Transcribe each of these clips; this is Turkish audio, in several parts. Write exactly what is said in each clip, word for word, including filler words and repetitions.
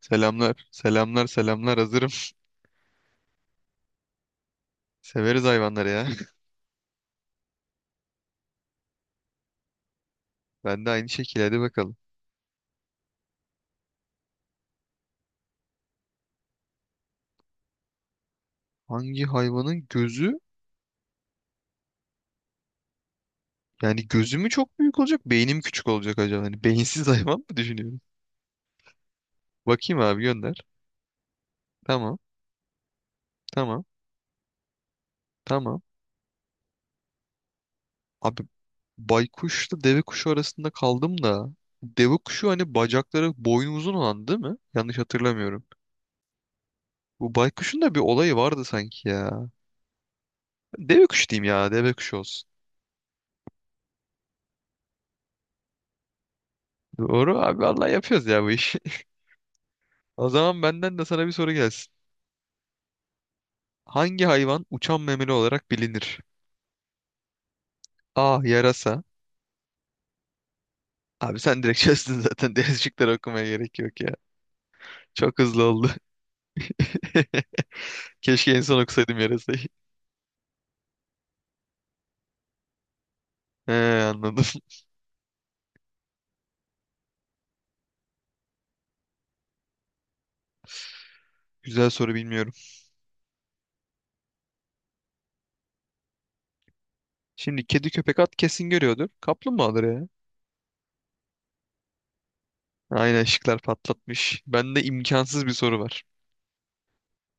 Selamlar. Selamlar selamlar hazırım. Severiz hayvanları ya. Ben de aynı şekilde hadi bakalım. Hangi hayvanın gözü yani gözü mü çok büyük olacak beynim küçük olacak acaba? Hani beyinsiz hayvan mı düşünüyorum? Bakayım abi gönder. Tamam tamam tamam. Abi baykuşla deve kuşu arasında kaldım da. Deve kuşu hani bacakları boynu uzun olan değil mi? Yanlış hatırlamıyorum. Bu baykuşun da bir olayı vardı sanki ya. Deve kuşu diyeyim ya, deve kuşu olsun. Doğru abi, vallahi yapıyoruz ya bu işi. O zaman benden de sana bir soru gelsin. Hangi hayvan uçan memeli olarak bilinir? A. Yarasa. Abi sen direkt çözdün zaten. Deniz okumaya gerek yok ya. Çok hızlı oldu. Keşke en son okusaydım yarasayı. He, anladım. Güzel soru, bilmiyorum. Şimdi kedi köpek at kesin görüyordur. Kaplumbağadır ya. Aynen, şıklar patlatmış. Bende imkansız bir soru var.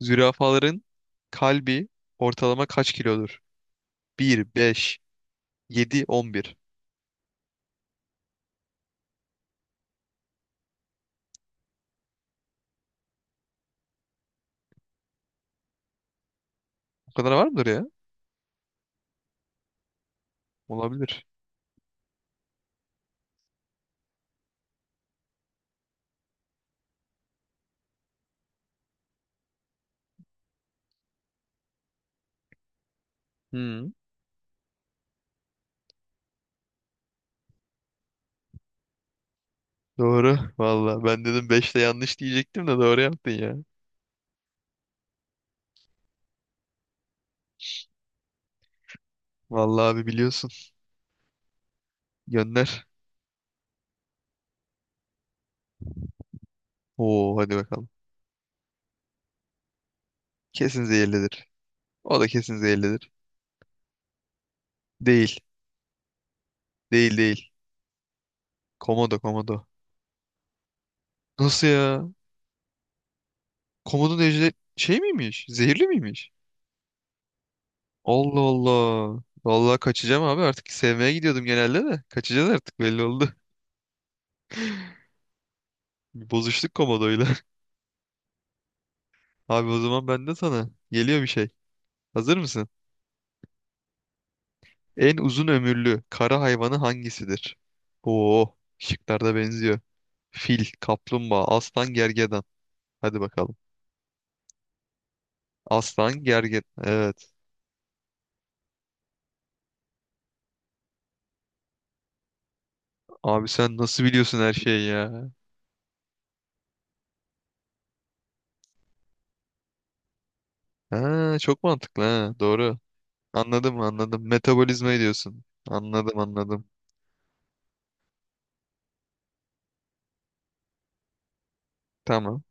Zürafaların kalbi ortalama kaç kilodur? bir, beş, yedi, on bir. O kadar var mıdır ya? Olabilir. Hmm. Doğru. Valla ben dedim beşte, yanlış diyecektim de doğru yaptın ya. Valla abi, biliyorsun. Gönder. Oo, hadi bakalım. Kesin zehirlidir. O da kesin zehirlidir. Değil. Değil değil. Komodo komodo. Nasıl ya? Komodo ejder şey miymiş? Zehirli miymiş? Allah Allah. Valla kaçacağım abi, artık sevmeye gidiyordum genelde de. Kaçacağız artık, belli oldu. Bir, bozuştuk komodoyla. Abi o zaman ben de sana. Geliyor bir şey. Hazır mısın? En uzun ömürlü kara hayvanı hangisidir? Oo, şıklarda benziyor. Fil, kaplumbağa, aslan, gergedan. Hadi bakalım. Aslan, gergedan. Evet. Abi sen nasıl biliyorsun her şeyi ya? Ha, çok mantıklı ha. Doğru. Anladım anladım. Metabolizma diyorsun. Anladım anladım. Tamam.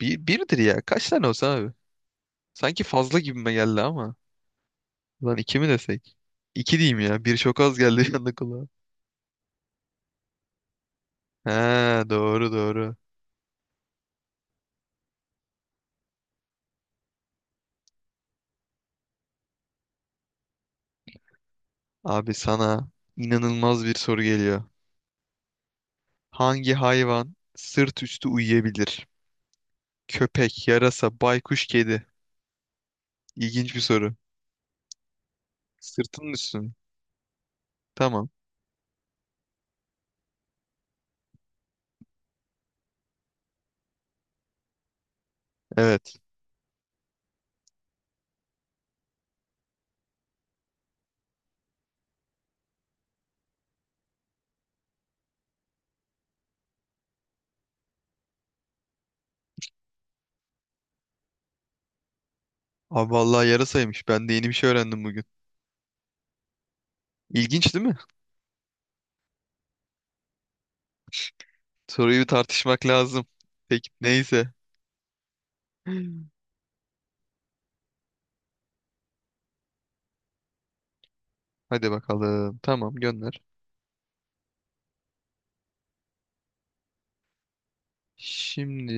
Bir, birdir ya. Kaç tane olsa abi? Sanki fazla gibime geldi ama. Lan iki mi desek? İki diyeyim ya. Bir çok az geldi, yandı kulağa. Ha, doğru doğru. Abi sana inanılmaz bir soru geliyor. Hangi hayvan sırt üstü uyuyabilir? Köpek, yarasa, baykuş, kedi. İlginç bir soru. Sırtının üstü mü? Tamam. Evet. Abi vallahi yarasaymış. Ben de yeni bir şey öğrendim bugün. İlginç değil mi? Soruyu bir tartışmak lazım. Peki neyse. Hadi bakalım. Tamam, gönder. Şimdi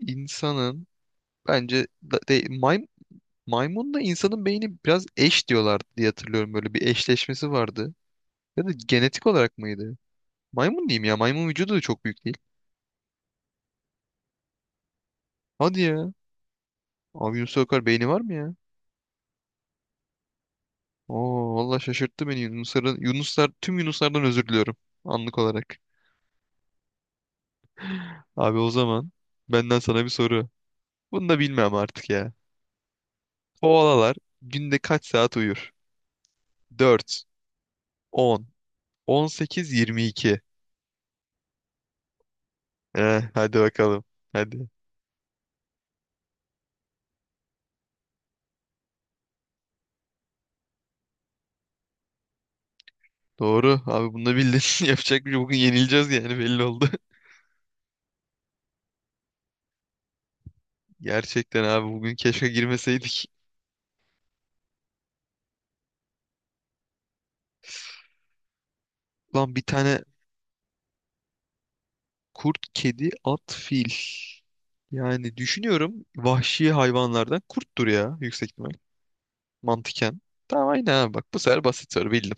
insanın bence da- de, may, maymunla insanın beyni biraz eş diyorlardı diye hatırlıyorum. Böyle bir eşleşmesi vardı. Ya da genetik olarak mıydı? Maymun diyeyim ya. Maymun vücudu da çok büyük değil. Hadi ya. Abi Yunus Akar beyni var mı ya? Oo vallahi şaşırttı beni Yunusların, Yunuslar, tüm Yunuslardan özür diliyorum anlık olarak. Abi o zaman benden sana bir soru. Bunu da bilmem artık ya. Koalalar günde kaç saat uyur? Dört, on, on sekiz, yirmi iki. Eh, hadi bakalım. Hadi. Doğru abi, bunu da bildin. Yapacak bir şey. Bugün yenileceğiz yani, belli oldu. Gerçekten abi, bugün keşke girmeseydik. Lan bir tane. Kurt, kedi, at, fil. Yani düşünüyorum, vahşi hayvanlardan kurttur ya, yüksek ihtimal. Mantıken. Tamam aynen abi, bak bu sefer basit soru bildim.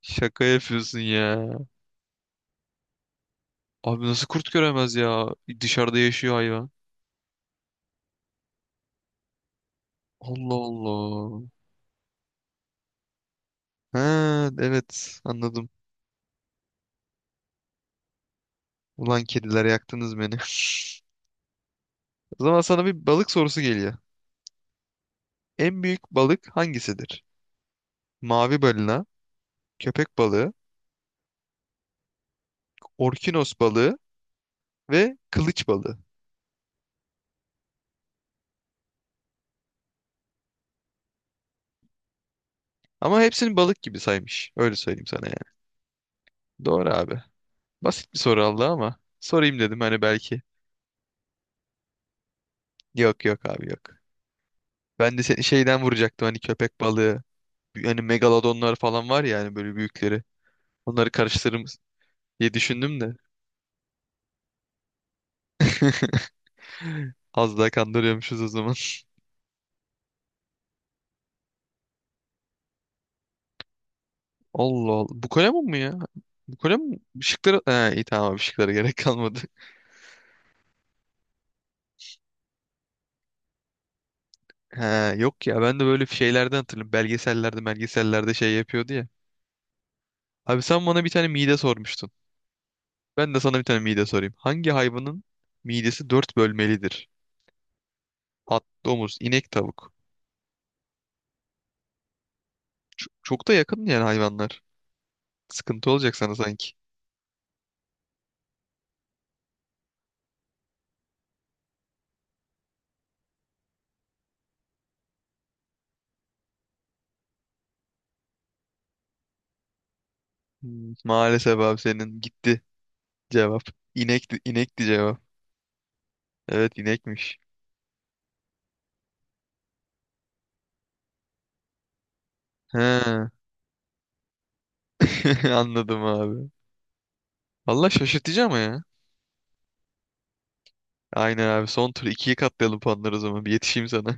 Şaka yapıyorsun ya. Abi nasıl kurt göremez ya? Dışarıda yaşıyor hayvan. Allah Allah. Ha evet, anladım. Ulan kediler, yaktınız beni. O zaman sana bir balık sorusu geliyor. En büyük balık hangisidir? Mavi balina, köpek balığı, orkinos balığı ve kılıç balığı. Ama hepsini balık gibi saymış. Öyle söyleyeyim sana yani. Doğru abi. Basit bir soru aldı ama sorayım dedim, hani belki. Yok yok abi, yok. Ben de seni şeyden vuracaktım, hani köpek balığı. Hani megalodonlar falan var ya, hani böyle büyükleri. Onları karıştırırım diye düşündüm de. Az daha kandırıyormuşuz o zaman. Allah Allah. Bu kalem mu ya? Bu kalem mi? Işıkları... He, iyi tamam abi, ışıklara gerek kalmadı. He, yok ya, ben de böyle şeylerden hatırlıyorum. Belgesellerde belgesellerde şey yapıyordu ya. Abi sen bana bir tane mide sormuştun. Ben de sana bir tane mide sorayım. Hangi hayvanın midesi dört bölmelidir? At, domuz, inek, tavuk. Çok da yakın yani hayvanlar. Sıkıntı olacak sana sanki. Hmm, maalesef abi, senin gitti cevap. İnekti, inekti cevap. Evet inekmiş. He, anladım abi. Valla şaşırtıcı ama ya. Aynen abi, son tur ikiye katlayalım puanları o zaman. Bir yetişeyim sana.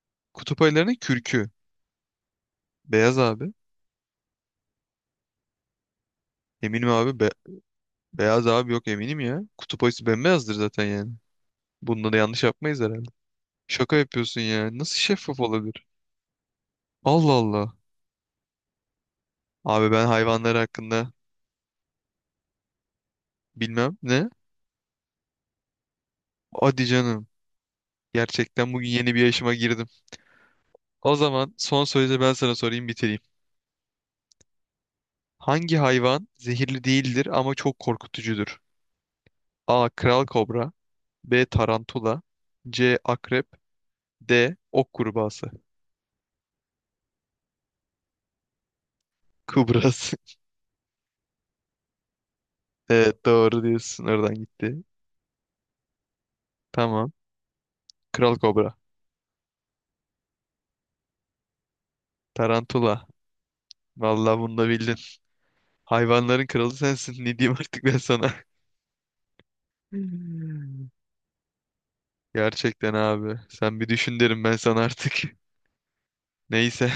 Kutup ayılarının kürkü. Beyaz abi. Eminim abi. Be- beyaz abi yok, eminim ya. Kutup ayısı bembeyazdır zaten yani. Bunda da yanlış yapmayız herhalde. Şaka yapıyorsun ya. Nasıl şeffaf olabilir? Allah Allah. Abi ben hayvanlar hakkında bilmem ne. Hadi canım. Gerçekten bugün yeni bir yaşıma girdim. O zaman son sözü ben sana sorayım, bitireyim. Hangi hayvan zehirli değildir ama çok korkutucudur? A. Kral kobra. B. Tarantula. C. Akrep. D. Ok kurbağası. Kubrası. Evet doğru diyorsun. Oradan gitti. Tamam. Kral kobra. Tarantula. Vallahi bunu da bildin. Hayvanların kralı sensin. Ne diyeyim artık ben sana? Hmm. Gerçekten abi. Sen bir düşün derim ben sana artık. Neyse.